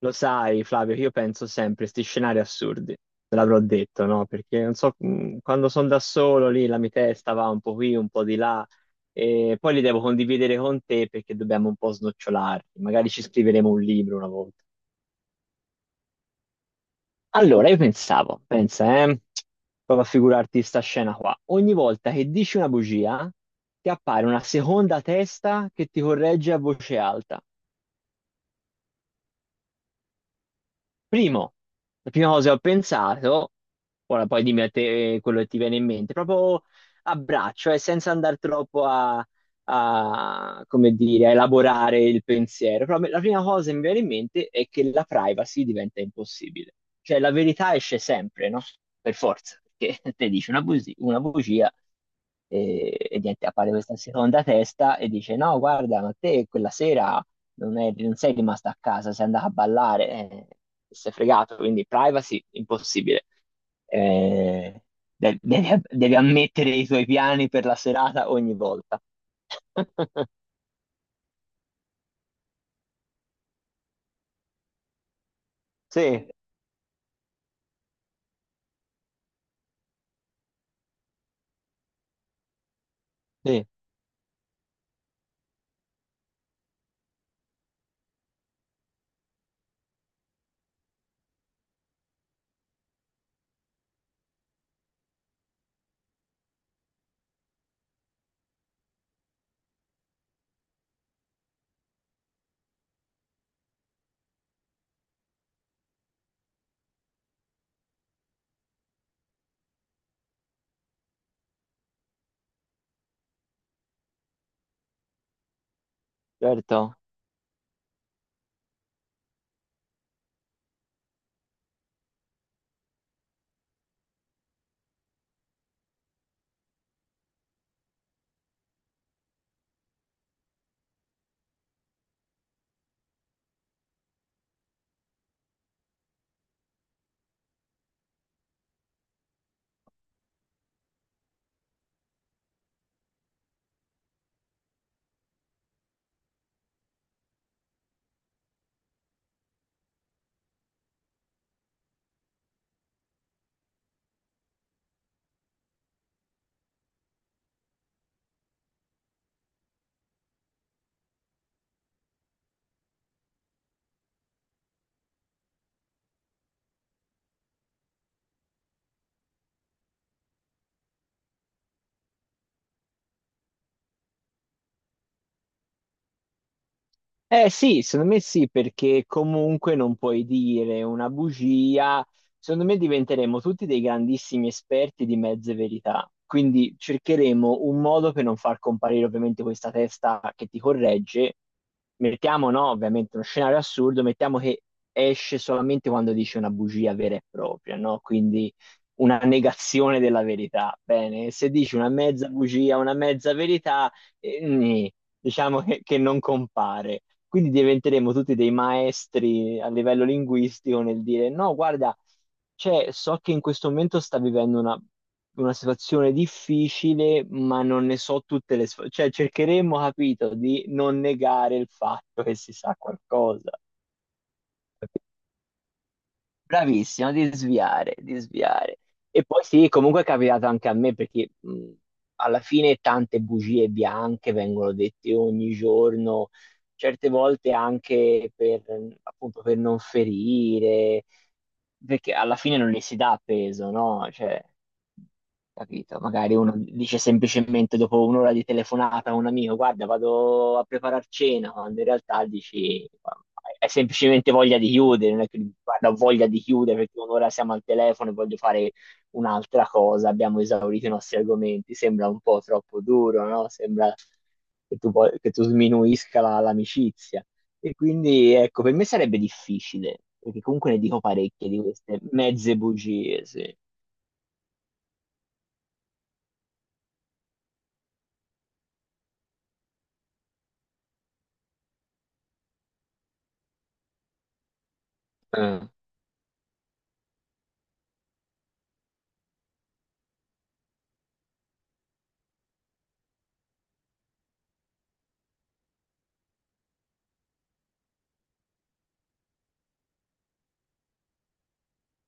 Lo sai, Flavio, che io penso sempre a questi scenari assurdi, te l'avrò detto, no? Perché non so, quando sono da solo lì la mia testa va un po' qui, un po' di là, e poi li devo condividere con te perché dobbiamo un po' snocciolarli, magari ci scriveremo un libro una volta. Allora, io pensavo, pensa, prova a figurarti sta scena qua. Ogni volta che dici una bugia, ti appare una seconda testa che ti corregge a voce alta. Primo, la prima cosa che ho pensato, ora poi dimmi a te quello che ti viene in mente, proprio a braccio, senza andare troppo come dire, a elaborare il pensiero. Però la prima cosa che mi viene in mente è che la privacy diventa impossibile. Cioè la verità esce sempre, no? Per forza, perché te dici una una bugia, e niente, appare questa seconda testa e dice no, guarda, ma te quella sera non sei rimasta a casa, sei andata a ballare, sei fregato, quindi privacy impossibile. Eh, devi, devi ammettere i tuoi piani per la serata ogni volta. Sì, sì, certo. Eh sì, secondo me sì, perché comunque non puoi dire una bugia. Secondo me diventeremo tutti dei grandissimi esperti di mezze verità. Quindi cercheremo un modo per non far comparire ovviamente questa testa che ti corregge. Mettiamo, no, ovviamente uno scenario assurdo, mettiamo che esce solamente quando dice una bugia vera e propria, no? Quindi una negazione della verità. Bene, se dici una mezza bugia, una mezza verità, nì diciamo che non compare. Quindi diventeremo tutti dei maestri a livello linguistico nel dire no, guarda, cioè, so che in questo momento sta vivendo una situazione difficile, ma non ne so tutte le sf- Cioè, cercheremo, capito, di non negare il fatto che si sa qualcosa. Bravissimo, di sviare, di sviare. E poi sì, comunque è capitato anche a me perché alla fine tante bugie bianche vengono dette ogni giorno certe volte anche per, appunto, per non ferire, perché alla fine non le si dà peso, no? Cioè, capito? Magari uno dice semplicemente dopo un'ora di telefonata a un amico, guarda, vado a preparare cena, quando in realtà dici, "Ma hai semplicemente voglia di chiudere, non è che dici, guarda, ho voglia di chiudere perché un'ora siamo al telefono e voglio fare un'altra cosa, abbiamo esaurito i nostri argomenti, sembra un po' troppo duro, no? Sembra che che tu sminuisca l'amicizia. E quindi, ecco, per me sarebbe difficile, perché comunque ne dico parecchie di queste mezze bugie, sì. Eh,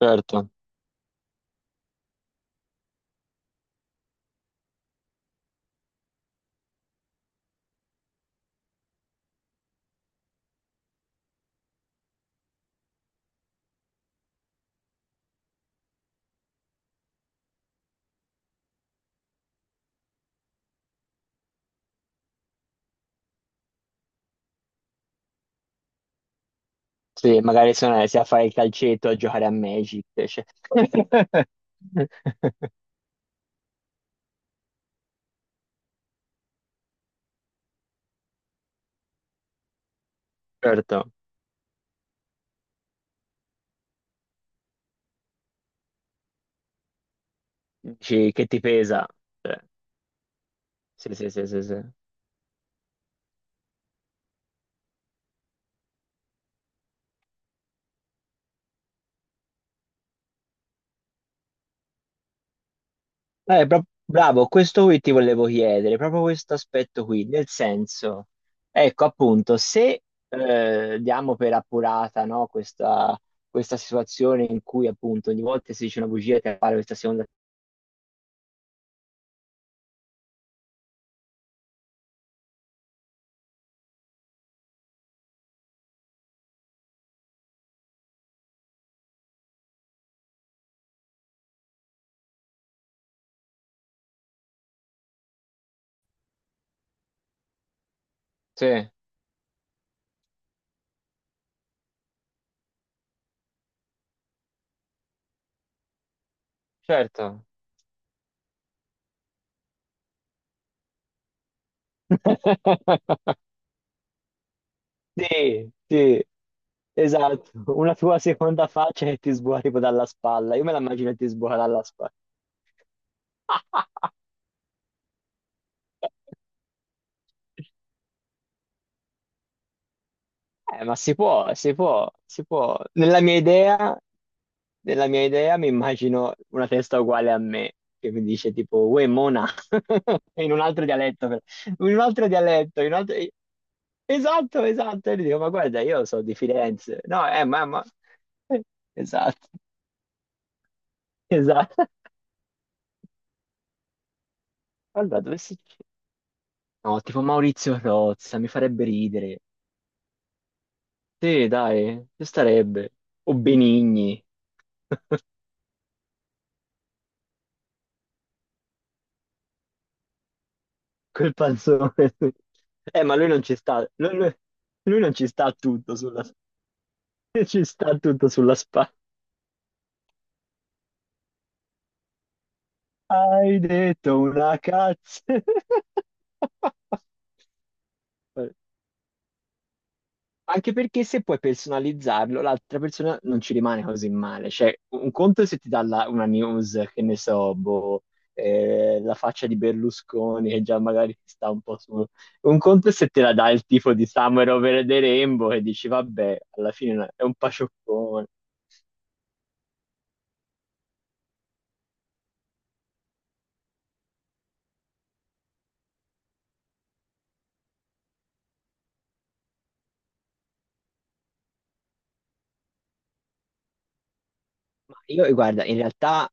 certo. Sì, magari sono sia a fare il calcetto a giocare a Magic, cioè. Certo. Dici, che ti pesa. Cioè, sì, sì, sì, sì, sì. Bravo, questo qui ti volevo chiedere, proprio questo aspetto qui, nel senso, ecco appunto, se diamo per appurata no, questa situazione in cui appunto ogni volta si dice una bugia e appare questa seconda. Sì, certo. Sì, sì, esatto, una tua seconda faccia che ti sbuca tipo dalla spalla, io me la immagino che ti sbuca dalla spalla. Ma si può, si può, si può. Nella mia idea mi immagino una testa uguale a me, che mi dice tipo, uè, mona, in un altro dialetto, però. In un altro dialetto, in un altro. Esatto, esatto. E gli dico, ma guarda, io sono di Firenze. No, mamma. Esatto, esatto. Guarda, dove si. No, tipo Maurizio Rozza, mi farebbe ridere. Sì, dai, ci starebbe. O Benigni, quel panzone. Ma lui non ci sta, lui non ci sta a tutto sulla. Ci sta tutto sulla spalla. Hai detto una cazzo. Anche perché se puoi personalizzarlo, l'altra persona non ci rimane così male. Cioè, un conto è se ti dà una news, che ne so, boh, la faccia di Berlusconi, che già magari sta un po' su. Un conto è se te la dà il tipo di Summer Over the Rainbow e dici, vabbè, alla fine è un pacioccone. Ma io, guarda, in realtà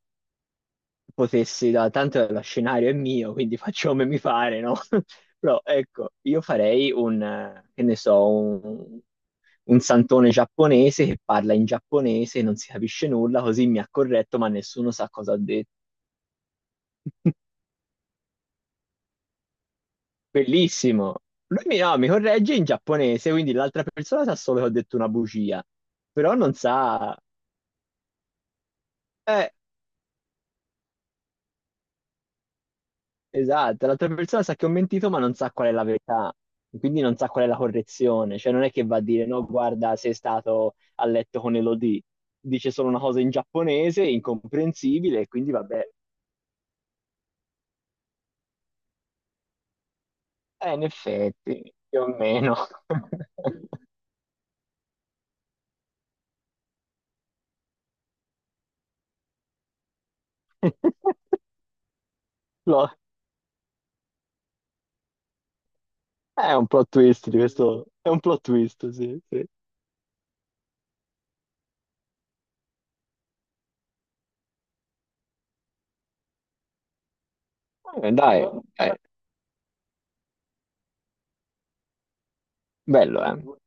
potessi, da, tanto lo scenario è mio, quindi faccio come mi pare, no? Però ecco, io farei un, che ne so, un santone giapponese che parla in giapponese e non si capisce nulla, così mi ha corretto, ma nessuno sa cosa ha detto. Bellissimo. Lui mi, no, mi corregge in giapponese, quindi l'altra persona sa solo che ho detto una bugia, però non sa. Eh, esatto, l'altra persona sa che ho mentito, ma non sa qual è la verità, quindi non sa qual è la correzione, cioè non è che va a dire no, guarda, sei stato a letto con Elodie, dice solo una cosa in giapponese, incomprensibile, e quindi vabbè, in effetti, più o meno. Lo- È un plot twist di questo, è un plot twist, sì, sì. Dai, eh, bello, eh.